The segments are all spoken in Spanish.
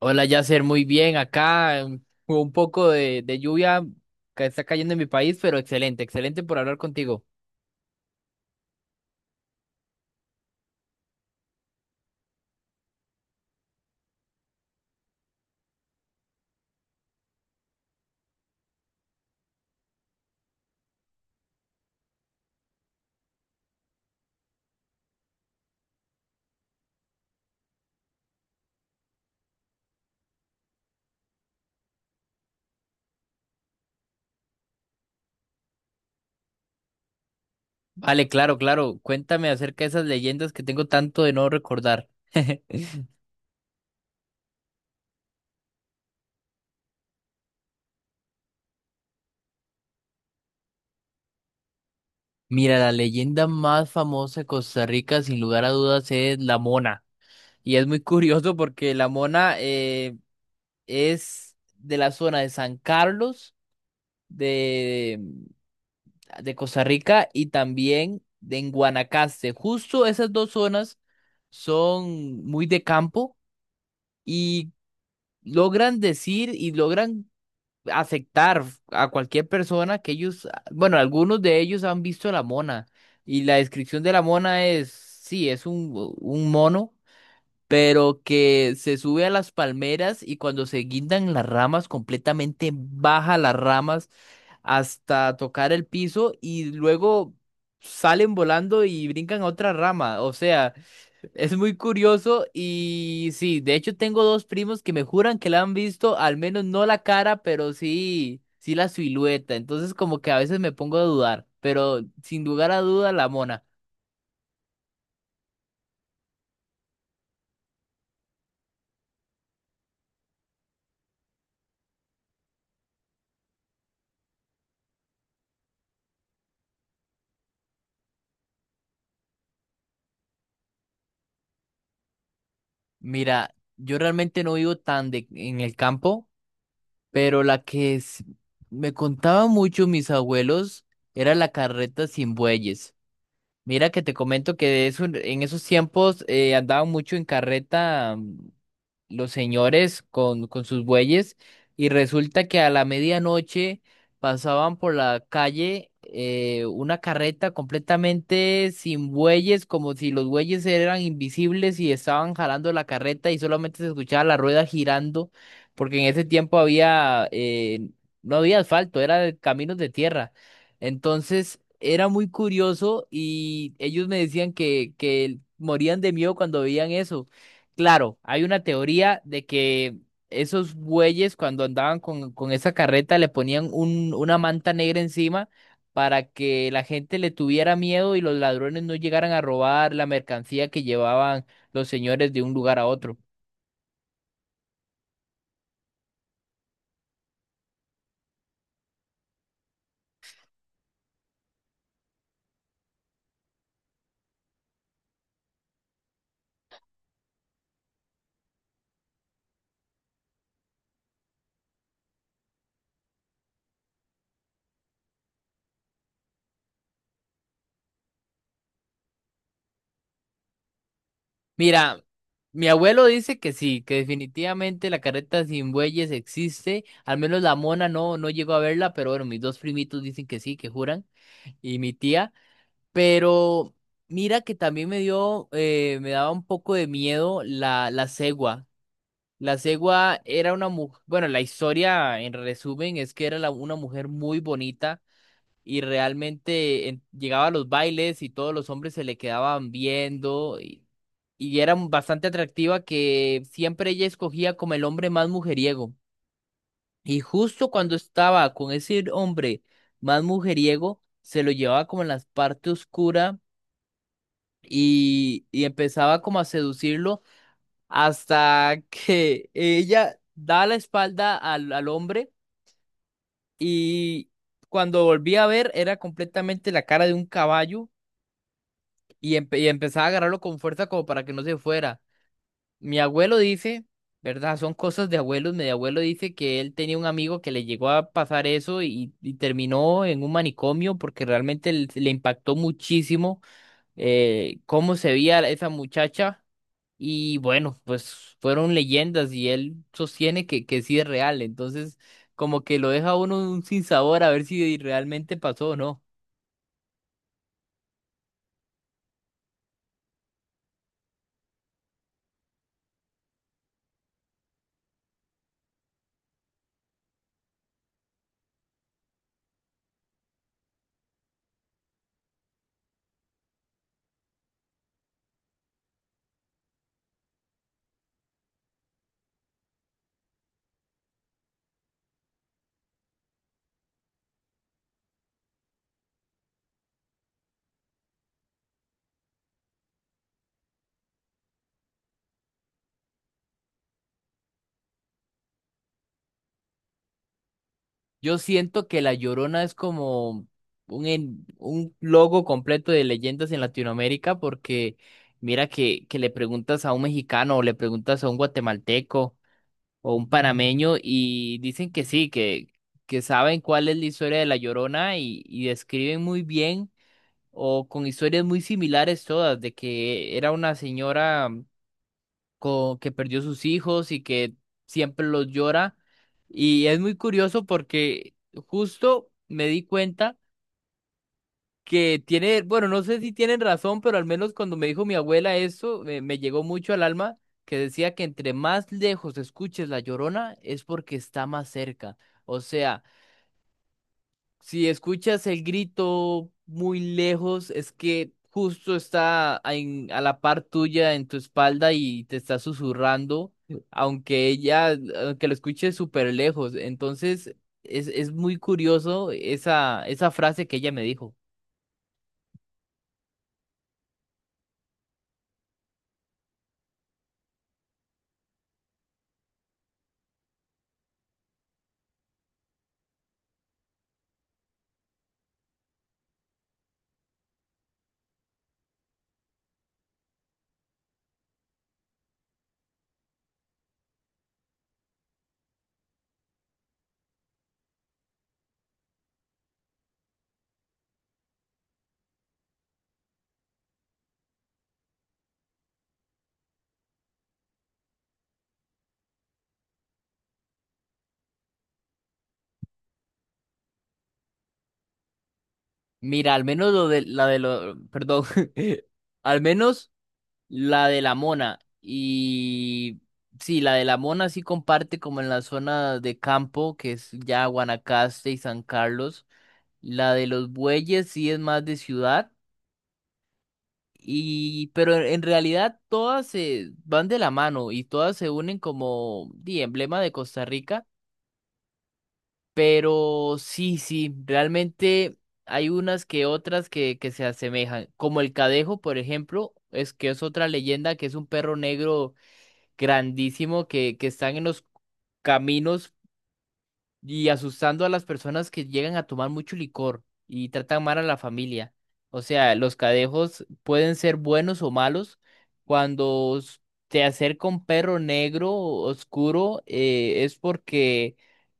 Hola, Yasser, muy bien. Acá hubo un poco de lluvia que está cayendo en mi país, pero excelente, excelente por hablar contigo. Vale, claro, claro. Cuéntame acerca de esas leyendas que tengo tanto de no recordar. Mira, la leyenda más famosa de Costa Rica, sin lugar a dudas, es la Mona. Y es muy curioso porque la Mona es de la zona de San Carlos, de Costa Rica y también de en Guanacaste. Justo esas dos zonas son muy de campo y logran decir y logran aceptar a cualquier persona que ellos, bueno, algunos de ellos han visto la mona. Y la descripción de la mona es, sí, es un mono, pero que se sube a las palmeras y cuando se guindan las ramas, completamente baja las ramas hasta tocar el piso y luego salen volando y brincan a otra rama. O sea, es muy curioso y sí, de hecho tengo dos primos que me juran que la han visto, al menos no la cara, pero sí, sí la silueta. Entonces como que a veces me pongo a dudar, pero sin lugar a duda la mona. Mira, yo realmente no vivo tan en el campo. Pero la que s- Me contaba mucho mis abuelos era la carreta sin bueyes. Mira que te comento que de eso, en esos tiempos andaban mucho en carreta, los señores con sus bueyes, y resulta que a la medianoche pasaban por la calle una carreta completamente sin bueyes, como si los bueyes eran invisibles y estaban jalando la carreta y solamente se escuchaba la rueda girando, porque en ese tiempo no había asfalto, eran caminos de tierra. Entonces era muy curioso y ellos me decían que morían de miedo cuando veían eso. Claro, hay una teoría de que esos bueyes cuando andaban con esa carreta le ponían una manta negra encima para que la gente le tuviera miedo y los ladrones no llegaran a robar la mercancía que llevaban los señores de un lugar a otro. Mira, mi abuelo dice que sí, que definitivamente la carreta sin bueyes existe, al menos la mona no, no llegó a verla, pero bueno, mis dos primitos dicen que sí, que juran, y mi tía. Pero mira que también me dio, me daba un poco de miedo la cegua. La cegua era una mujer. Bueno, la historia en resumen es que era una mujer muy bonita y realmente llegaba a los bailes y todos los hombres se le quedaban viendo, y era bastante atractiva que siempre ella escogía como el hombre más mujeriego. Y justo cuando estaba con ese hombre más mujeriego, se lo llevaba como en la parte oscura y empezaba como a seducirlo hasta que ella da la espalda al hombre, y cuando volví a ver era completamente la cara de un caballo y empezaba a agarrarlo con fuerza como para que no se fuera. Mi abuelo dice, ¿verdad? Son cosas de abuelos. Mi abuelo dice que él tenía un amigo que le llegó a pasar eso, y terminó en un manicomio porque realmente le impactó muchísimo cómo se veía esa muchacha. Y bueno, pues fueron leyendas y él sostiene que sí es real. Entonces, como que lo deja a uno un sinsabor a ver si realmente pasó o no. Yo siento que La Llorona es como un logo completo de leyendas en Latinoamérica, porque mira que le preguntas a un mexicano o le preguntas a un guatemalteco o un panameño y dicen que sí, que saben cuál es la historia de La Llorona, y describen muy bien o con historias muy similares todas, de que era una señora que perdió sus hijos y que siempre los llora. Y es muy curioso porque justo me di cuenta que tiene, bueno, no sé si tienen razón, pero al menos cuando me dijo mi abuela eso, me llegó mucho al alma, que decía que entre más lejos escuches la llorona es porque está más cerca. O sea, si escuchas el grito muy lejos, es que justo está a la par tuya en tu espalda y te está susurrando, aunque ella, aunque lo escuches súper lejos. Entonces, es muy curioso esa frase que ella me dijo. Mira, al menos lo de perdón, al menos la de la Mona. Y sí, la de la Mona sí comparte como en la zona de campo, que es ya Guanacaste y San Carlos. La de los bueyes sí es más de ciudad. Y pero en realidad todas se van de la mano y todas se unen como di, emblema de Costa Rica. Pero sí, sí, realmente hay unas que otras que se asemejan. Como el Cadejo, por ejemplo, es que es otra leyenda que es un perro negro grandísimo que están en los caminos y asustando a las personas que llegan a tomar mucho licor y tratan mal a la familia. O sea, los cadejos pueden ser buenos o malos. cuando s- Te acerca un perro negro oscuro, es porque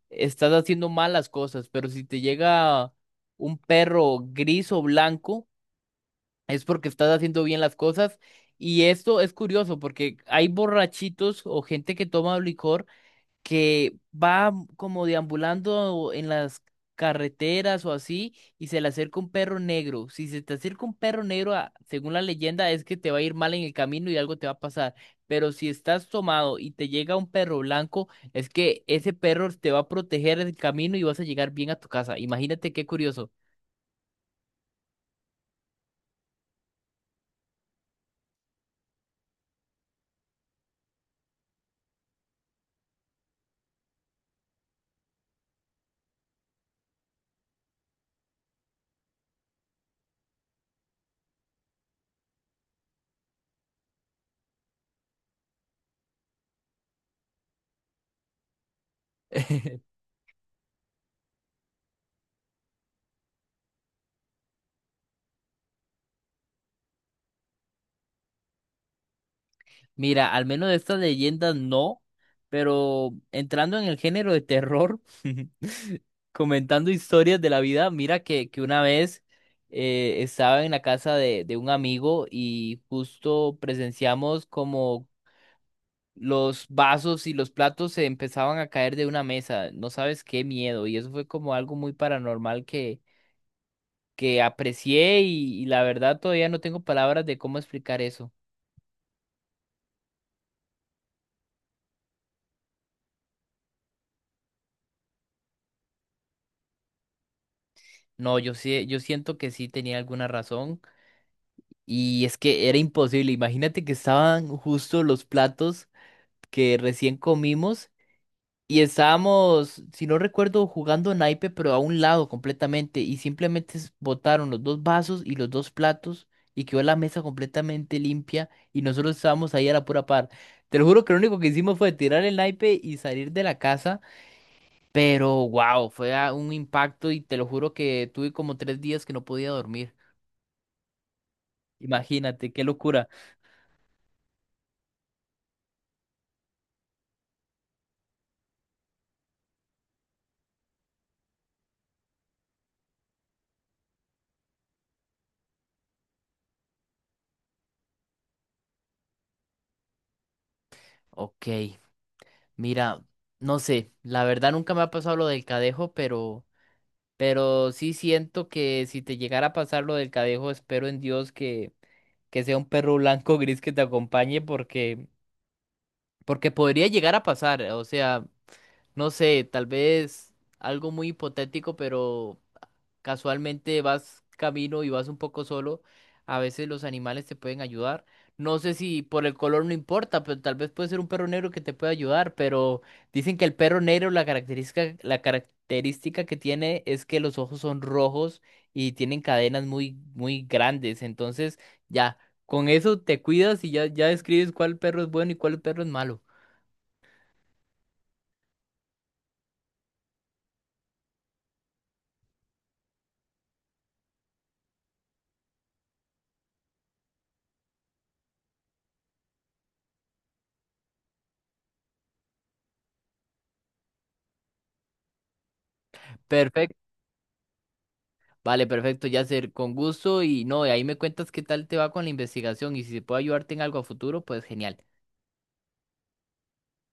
estás haciendo malas cosas, pero si te llega un perro gris o blanco, es porque estás haciendo bien las cosas. Y esto es curioso porque hay borrachitos o gente que toma licor que va como deambulando en las carreteras o así, y se le acerca un perro negro. Si se te acerca un perro negro, según la leyenda, es que te va a ir mal en el camino y algo te va a pasar. Pero si estás tomado y te llega un perro blanco, es que ese perro te va a proteger el camino y vas a llegar bien a tu casa. Imagínate qué curioso. Mira, al menos de estas leyendas no, pero entrando en el género de terror, comentando historias de la vida, mira que una vez estaba en la casa de un amigo y justo presenciamos como los vasos y los platos se empezaban a caer de una mesa. No sabes qué miedo. Y eso fue como algo muy paranormal que aprecié, y la verdad todavía no tengo palabras de cómo explicar eso. No, yo sí, yo siento que sí tenía alguna razón. Y es que era imposible. Imagínate que estaban justo los platos que recién comimos y estábamos, si no recuerdo, jugando naipe, pero a un lado completamente. Y simplemente botaron los dos vasos y los dos platos, y quedó la mesa completamente limpia y nosotros estábamos ahí a la pura par. Te lo juro que lo único que hicimos fue tirar el naipe y salir de la casa, pero wow, fue un impacto, y te lo juro que tuve como tres días que no podía dormir. Imagínate, qué locura. Ok. Mira, no sé, la verdad nunca me ha pasado lo del cadejo, pero sí siento que si te llegara a pasar lo del cadejo, espero en Dios que sea un perro blanco o gris que te acompañe, porque porque podría llegar a pasar, o sea, no sé, tal vez algo muy hipotético, pero casualmente vas camino y vas un poco solo, a veces los animales te pueden ayudar. No sé si por el color no importa, pero tal vez puede ser un perro negro que te pueda ayudar, pero dicen que el perro negro la característica que tiene es que los ojos son rojos y tienen cadenas muy, muy grandes, entonces ya. Con eso te cuidas y ya, ya describes cuál perro es bueno y cuál perro es malo. Perfecto. Vale, perfecto, Yasser. Con gusto y no, de ahí me cuentas qué tal te va con la investigación, y si se puede ayudarte en algo a futuro, pues genial.